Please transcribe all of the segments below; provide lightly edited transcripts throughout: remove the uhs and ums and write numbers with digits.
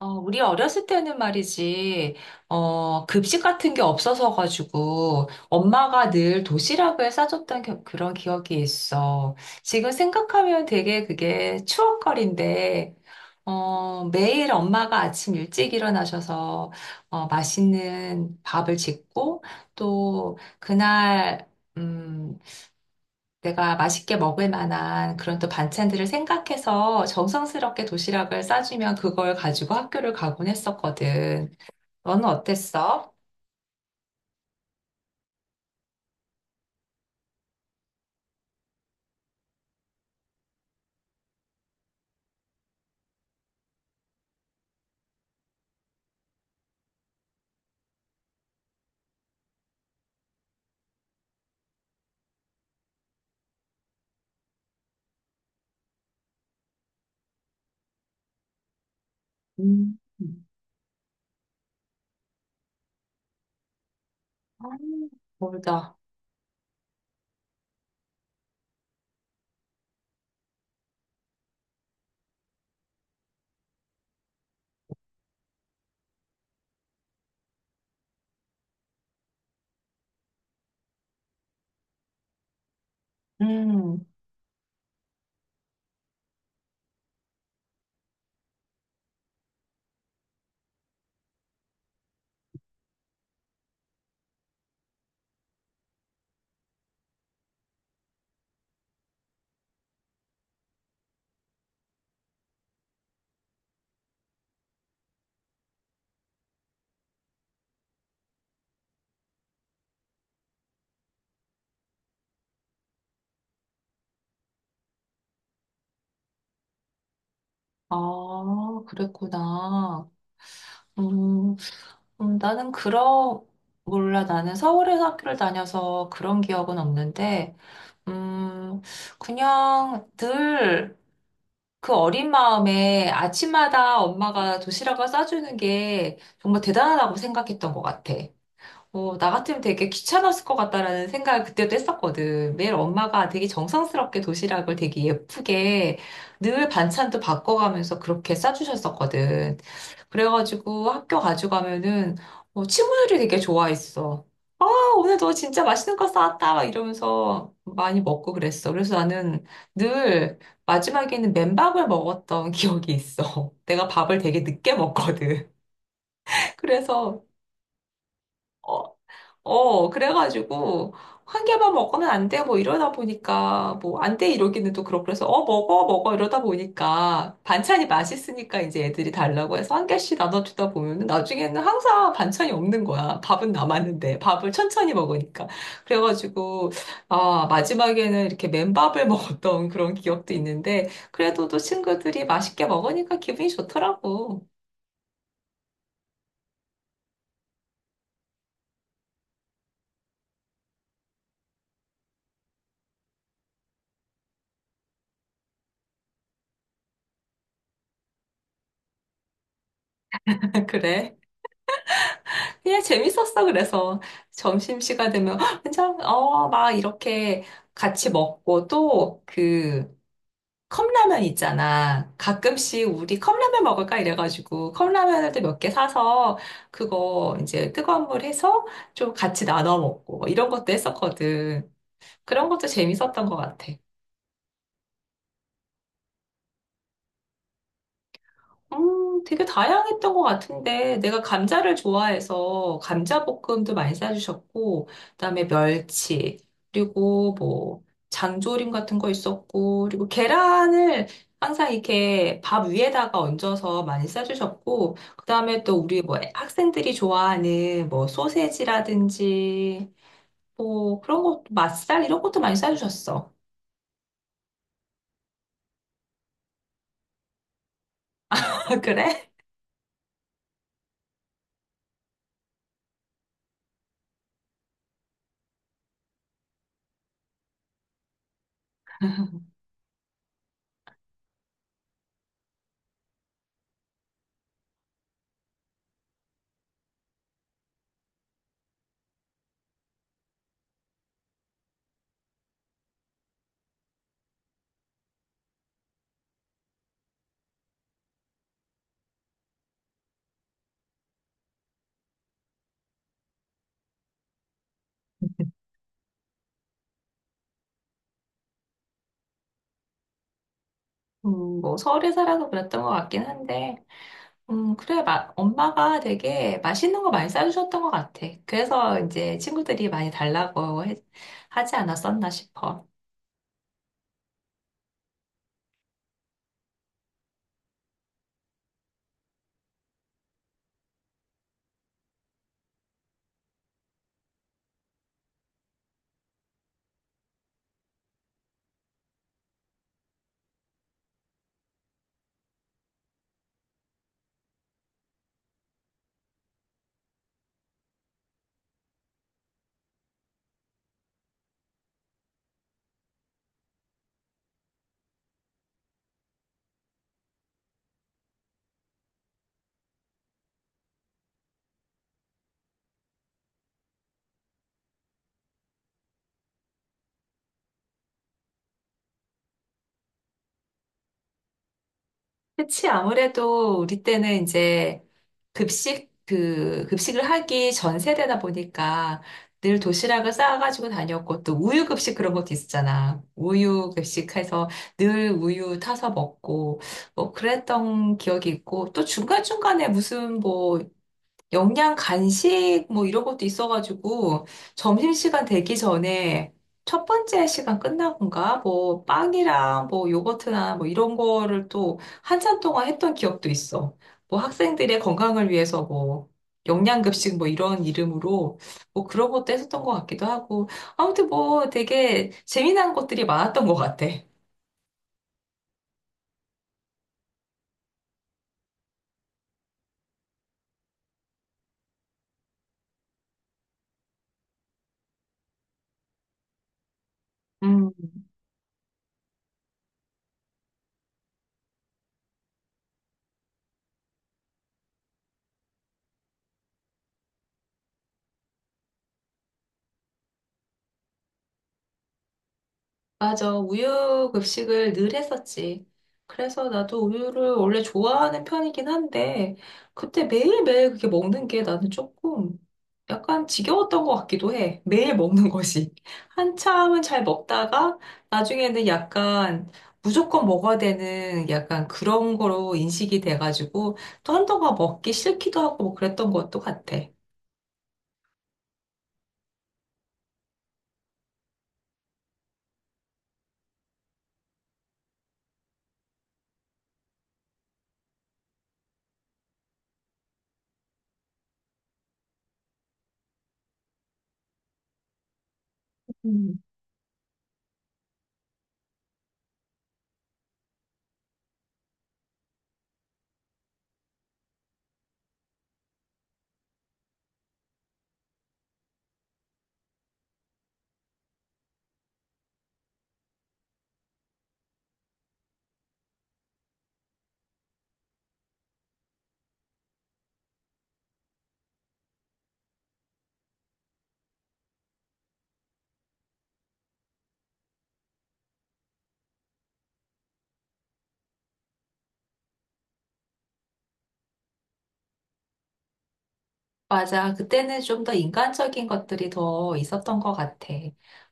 우리 어렸을 때는 말이지, 급식 같은 게 없어서 가지고 엄마가 늘 도시락을 그런 기억이 있어. 지금 생각하면 되게 그게 추억거리인데, 매일 엄마가 아침 일찍 일어나셔서 맛있는 밥을 짓고 또 그날 음, 내가 맛있게 먹을 만한 그런 또 반찬들을 생각해서 정성스럽게 도시락을 싸주면 그걸 가지고 학교를 가곤 했었거든. 너는 어땠어? 음. 아, 몰다. 음. 아, 그랬구나. 음, 나는 그런, 몰라. 나는 서울에서 학교를 다녀서 그런 기억은 없는데, 음, 그냥 늘, 그 어린 마음에 아침마다 엄마가 도시락을 싸주는 게 정말 대단하다고 생각했던 것 같아. 나 같으면 되게 귀찮았을 것 같다라는 생각을 그때도 했었거든. 매일 엄마가 되게 정성스럽게 도시락을 되게 예쁘게 늘 반찬도 바꿔가면서 그렇게 싸주셨었거든. 그래가지고 학교 가져가면은 친구들이 되게 좋아했어. 오늘 너 진짜 맛있는 거 싸왔다 막 이러면서 많이 먹고 그랬어. 그래서 나는 늘 마지막에는 맨밥을 먹었던 기억이 있어. 내가 밥을 되게 늦게 먹거든. 그래서 어, 그래가지고, 한 개만 먹으면 안 돼, 뭐 이러다 보니까, 뭐 안 돼 이러기는 또 그렇고, 그래서, 먹어, 먹어 이러다 보니까, 반찬이 맛있으니까 이제 애들이 달라고 해서 한 개씩 나눠주다 보면은, 나중에는 항상 반찬이 없는 거야. 밥은 남았는데, 밥을 천천히 먹으니까. 그래가지고, 아, 마지막에는 이렇게 맨밥을 먹었던 그런 기억도 있는데, 그래도 또 친구들이 맛있게 먹으니까 기분이 좋더라고. 그래. 그냥 재밌었어. 그래서 점심시간 되면 "헉, 괜찮 막 이렇게 같이 먹고 또 그 컵라면 있잖아. 가끔씩 우리 컵라면 먹을까 이래가지고 컵라면을 또 몇 개 사서 그거 이제 뜨거운 물 해서 좀 같이 나눠 먹고 뭐 이런 것도 했었거든. 그런 것도 재밌었던 것 같아. 되게 다양했던 것 같은데, 내가 감자를 좋아해서 감자볶음도 많이 싸주셨고, 그다음에 멸치, 그리고 뭐, 장조림 같은 거 있었고, 그리고 계란을 항상 이렇게 밥 위에다가 얹어서 많이 싸주셨고, 그다음에 또 우리 뭐 학생들이 좋아하는 뭐 소세지라든지, 뭐 그런 것도 맛살 이런 것도 많이 싸주셨어. 그래? 뭐 서울에 살아서 그랬던 것 같긴 한데, 그래, 마, 엄마가 되게 맛있는 거 많이 싸주셨던 것 같아. 그래서 이제 친구들이 많이 하지 않았었나 싶어. 그치, 아무래도 우리 때는 이제 급식을 하기 전 세대다 보니까 늘 도시락을 싸가지고 다녔고 또 우유 급식 그런 것도 있었잖아. 우유 급식해서 늘 우유 타서 먹고 뭐 그랬던 기억이 있고 또 중간중간에 무슨 뭐 영양 간식 뭐 이런 것도 있어가지고 점심시간 되기 전에 첫 번째 시간 끝나고인가 뭐 빵이랑 뭐 요거트나 뭐 이런 거를 또 한참 동안 했던 기억도 있어. 뭐 학생들의 건강을 위해서 뭐 영양급식 뭐 이런 이름으로 뭐 그런 것도 했었던 것 같기도 하고 아무튼 뭐 되게 재미난 것들이 많았던 것 같아. 음. 맞아. 우유 급식을 늘 했었지. 그래서 나도 우유를 원래 좋아하는 편이긴 한데, 그때 매일매일 그게 먹는 게 나는 조금 약간 지겨웠던 것 같기도 해. 매일 먹는 것이. 한참은 잘 먹다가, 나중에는 약간 무조건 먹어야 되는 약간 그런 거로 인식이 돼가지고, 또 한동안 먹기 싫기도 하고 뭐 그랬던 것도 같아. 맞아. 그때는 좀 더 인간적인 것들이 더 있었던 것 같아.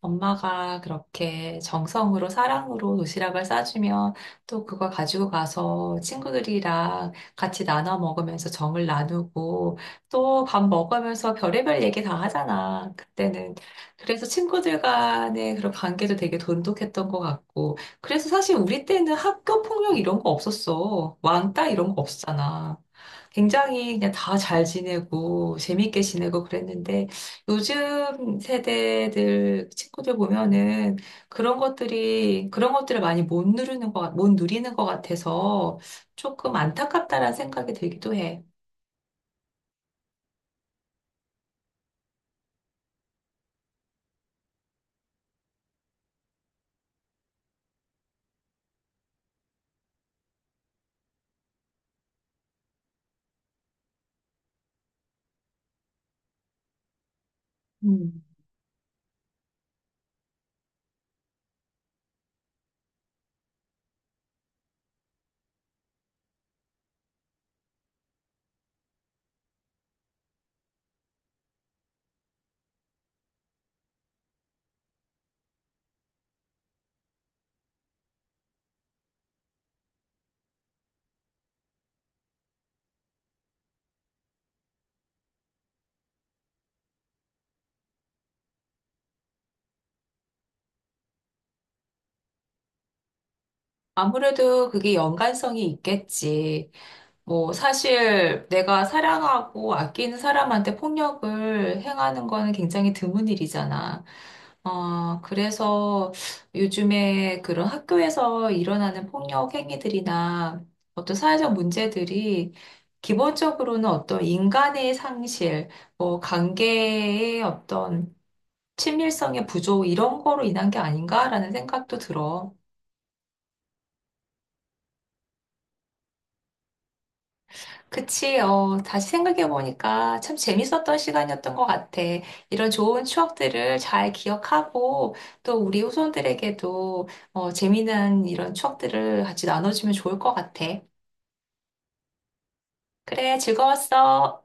엄마가 그렇게 정성으로 사랑으로 도시락을 싸주면 또 그걸 가지고 가서 친구들이랑 같이 나눠 먹으면서 정을 나누고 또 밥 먹으면서 별의별 얘기 다 하잖아. 그때는. 그래서 친구들 간의 그런 관계도 되게 돈독했던 것 같고. 그래서 사실 우리 때는 학교 폭력 이런 거 없었어. 왕따 이런 거 없었잖아. 굉장히 그냥 다 잘 지내고 재밌게 지내고 그랬는데 요즘 세대들 친구들 보면은 그런 것들이 그런 것들을 많이 못 누리는 것 같아서 조금 안타깝다라는 생각이 들기도 해. 음. 아무래도 그게 연관성이 있겠지. 뭐, 사실 내가 사랑하고 아끼는 사람한테 폭력을 행하는 거는 굉장히 드문 일이잖아. 그래서 요즘에 그런 학교에서 일어나는 폭력 행위들이나 어떤 사회적 문제들이 기본적으로는 어떤 인간의 상실, 뭐, 관계의 어떤 친밀성의 부족, 이런 거로 인한 게 아닌가라는 생각도 들어. 그치, 어, 다시 생각해보니까 참 재밌었던 시간이었던 것 같아. 이런 좋은 추억들을 잘 기억하고 또 우리 후손들에게도 어, 재미난 이런 추억들을 같이 나눠주면 좋을 것 같아. 그래, 즐거웠어.